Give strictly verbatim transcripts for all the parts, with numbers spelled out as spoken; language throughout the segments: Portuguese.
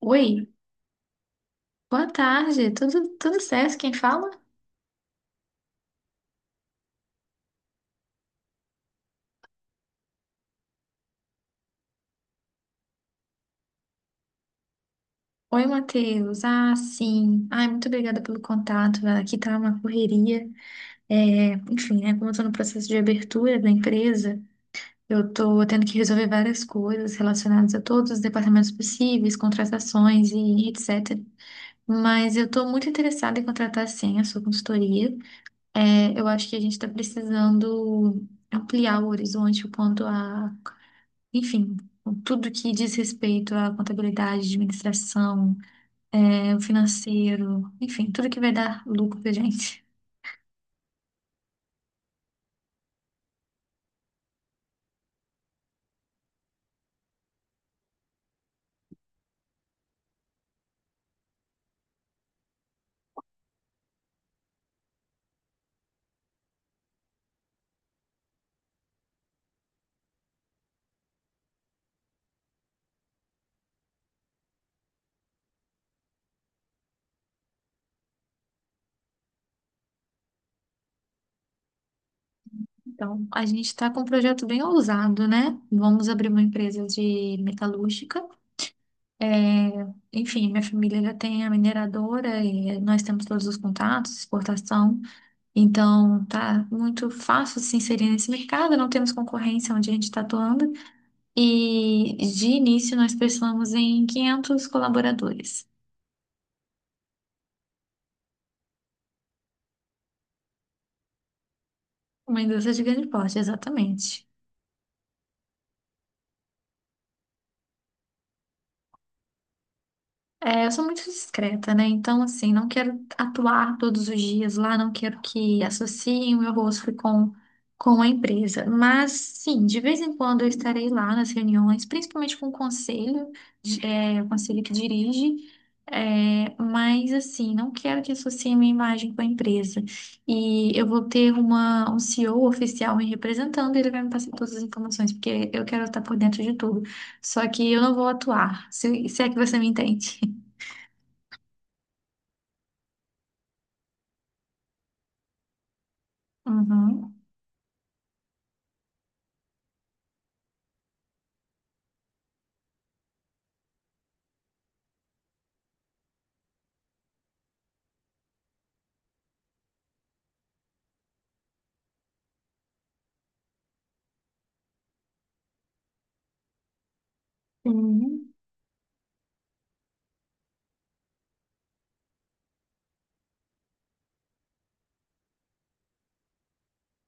Oi, boa tarde, tudo, tudo certo? Quem fala? Oi, Matheus. Ah, sim. Ai, muito obrigada pelo contato. Ah, aqui tá uma correria. É, enfim, né? Como eu tô no processo de abertura da empresa, eu tô tendo que resolver várias coisas relacionadas a todos os departamentos possíveis, contratações e etcetera. Mas eu tô muito interessada em contratar, sim, a sua consultoria. É, eu acho que a gente está precisando ampliar o horizonte quanto a, enfim, com tudo que diz respeito à contabilidade, administração, é, o financeiro, enfim, tudo que vai dar lucro pra gente. Então, a gente está com um projeto bem ousado, né? Vamos abrir uma empresa de metalúrgica. É, enfim, minha família já tem a mineradora e nós temos todos os contatos, exportação. Então, tá muito fácil se inserir nesse mercado, não temos concorrência onde a gente está atuando. E de início nós pensamos em quinhentos colaboradores. Uma indústria de grande porte, exatamente. É, eu sou muito discreta, né? Então, assim, não quero atuar todos os dias lá, não quero que associem o meu rosto com, com a empresa. Mas, sim, de vez em quando eu estarei lá nas reuniões, principalmente com o conselho, de- é, o conselho que dirige. É, mas, assim, não quero que associem minha imagem com a empresa. E eu vou ter uma, um C E O oficial me representando, ele vai me passar todas as informações, porque eu quero estar por dentro de tudo. Só que eu não vou atuar, se, se é que você me entende. Uhum. Uhum.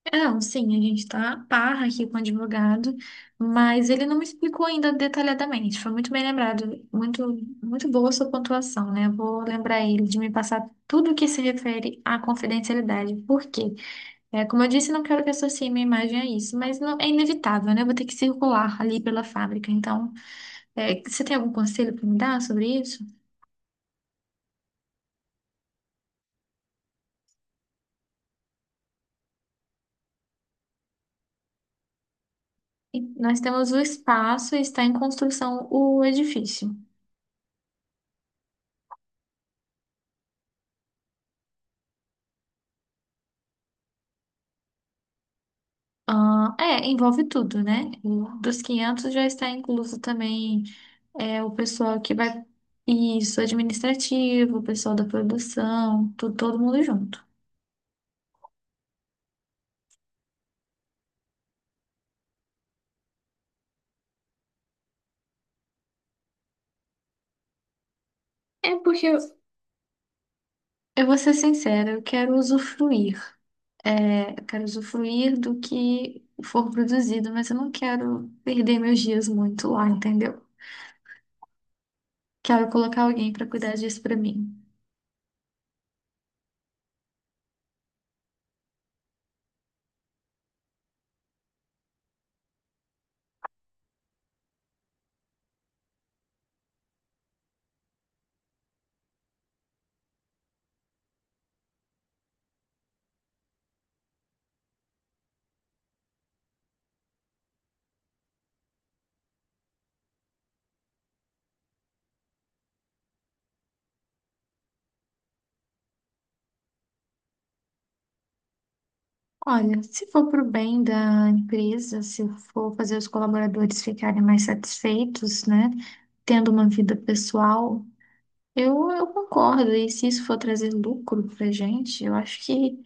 É, não, sim, a gente tá parra aqui com o advogado, mas ele não me explicou ainda detalhadamente. Foi muito bem lembrado, muito, muito boa a sua pontuação, né? Vou lembrar ele de me passar tudo que se refere à confidencialidade. Por quê? É, como eu disse, não quero que associe minha imagem a isso, mas não, é inevitável, né? Eu vou ter que circular ali pela fábrica. Então, é, você tem algum conselho para me dar sobre isso? E nós temos o espaço e está em construção o edifício. Ah, é, envolve tudo, né? O- Dos quinhentos já está incluso também é, o pessoal que vai. Isso, administrativo, o pessoal da produção, tu- todo mundo junto. É porque eu, Eu vou ser sincera, eu quero usufruir. É, eu quero usufruir do que for produzido, mas eu não quero perder meus dias muito lá, entendeu? Quero colocar alguém para cuidar disso para mim. Olha, se for para o bem da empresa, se for fazer os colaboradores ficarem mais satisfeitos, né, tendo uma vida pessoal, eu, eu concordo. E se isso for trazer lucro para gente, eu acho que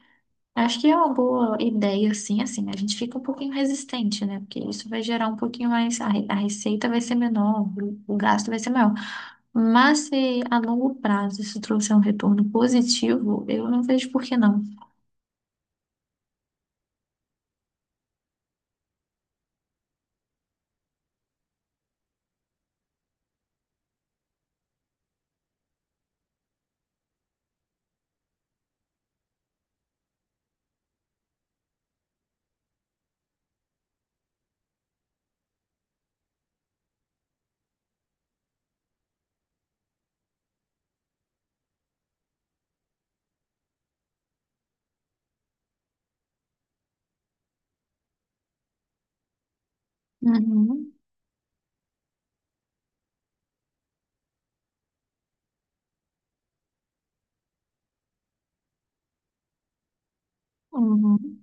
acho que é uma boa ideia, assim, assim. A gente fica um pouquinho resistente, né, porque isso vai gerar um pouquinho mais a, re- a receita vai ser menor, o, o gasto vai ser maior. Mas se a longo prazo isso trouxer um retorno positivo, eu não vejo por que não. Uhum, uhum.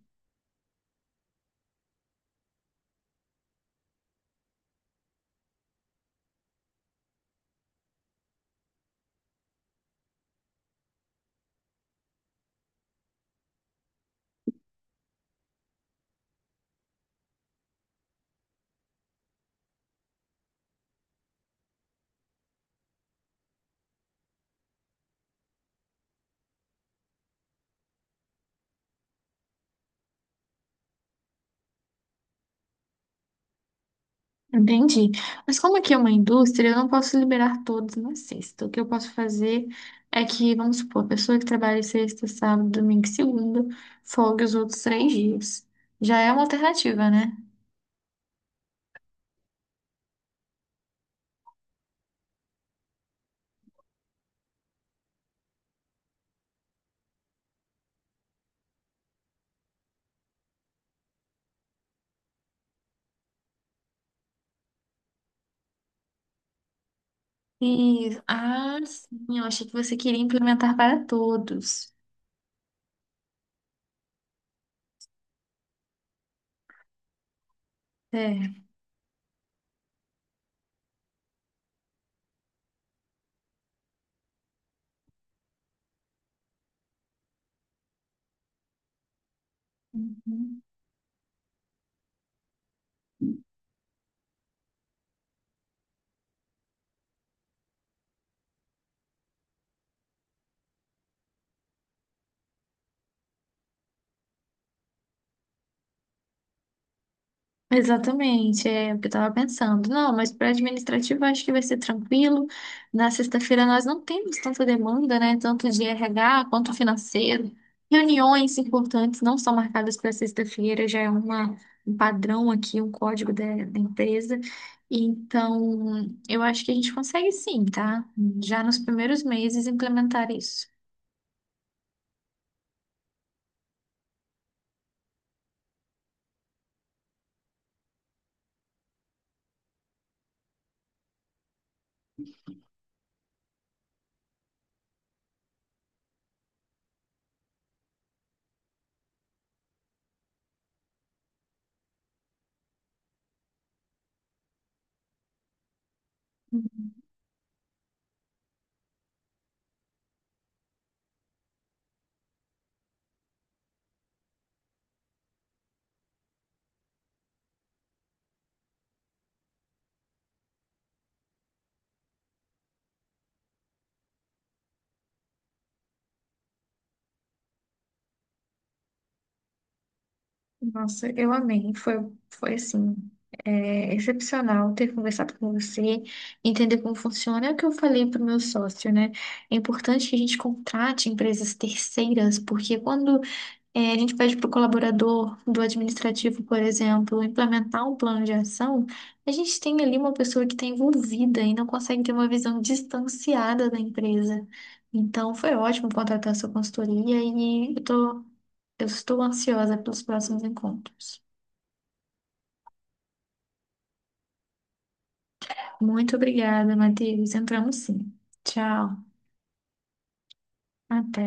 Entendi. Mas como aqui é uma indústria, eu não posso liberar todos na sexta. O que eu posso fazer é que, vamos supor, a pessoa que trabalha sexta, sábado, domingo e segunda, folgue os outros três dias. Já é uma alternativa, né? E, ah, sim, eu achei que você queria implementar para todos. É. Uhum. Exatamente, é o que eu estava pensando. Não, mas para administrativo eu acho que vai ser tranquilo. Na sexta-feira nós não temos tanta demanda, né? Tanto de R H quanto financeiro. Reuniões importantes não são marcadas para sexta-feira, já é uma, um padrão aqui, um código da, da empresa. Então, eu acho que a gente consegue sim, tá? Já nos primeiros meses implementar isso. Nossa, eu amei. Foi, foi assim, é, excepcional ter conversado com você, entender como funciona. É o que eu falei para o meu sócio, né? É importante que a gente contrate empresas terceiras, porque quando é, a gente pede para o colaborador do administrativo, por exemplo, implementar um plano de ação, a gente tem ali uma pessoa que está envolvida e não consegue ter uma visão distanciada da empresa. Então, foi ótimo contratar sua consultoria e eu tô, eu estou ansiosa pelos próximos encontros. Muito obrigada, Matheus. Entramos sim. Tchau. Até.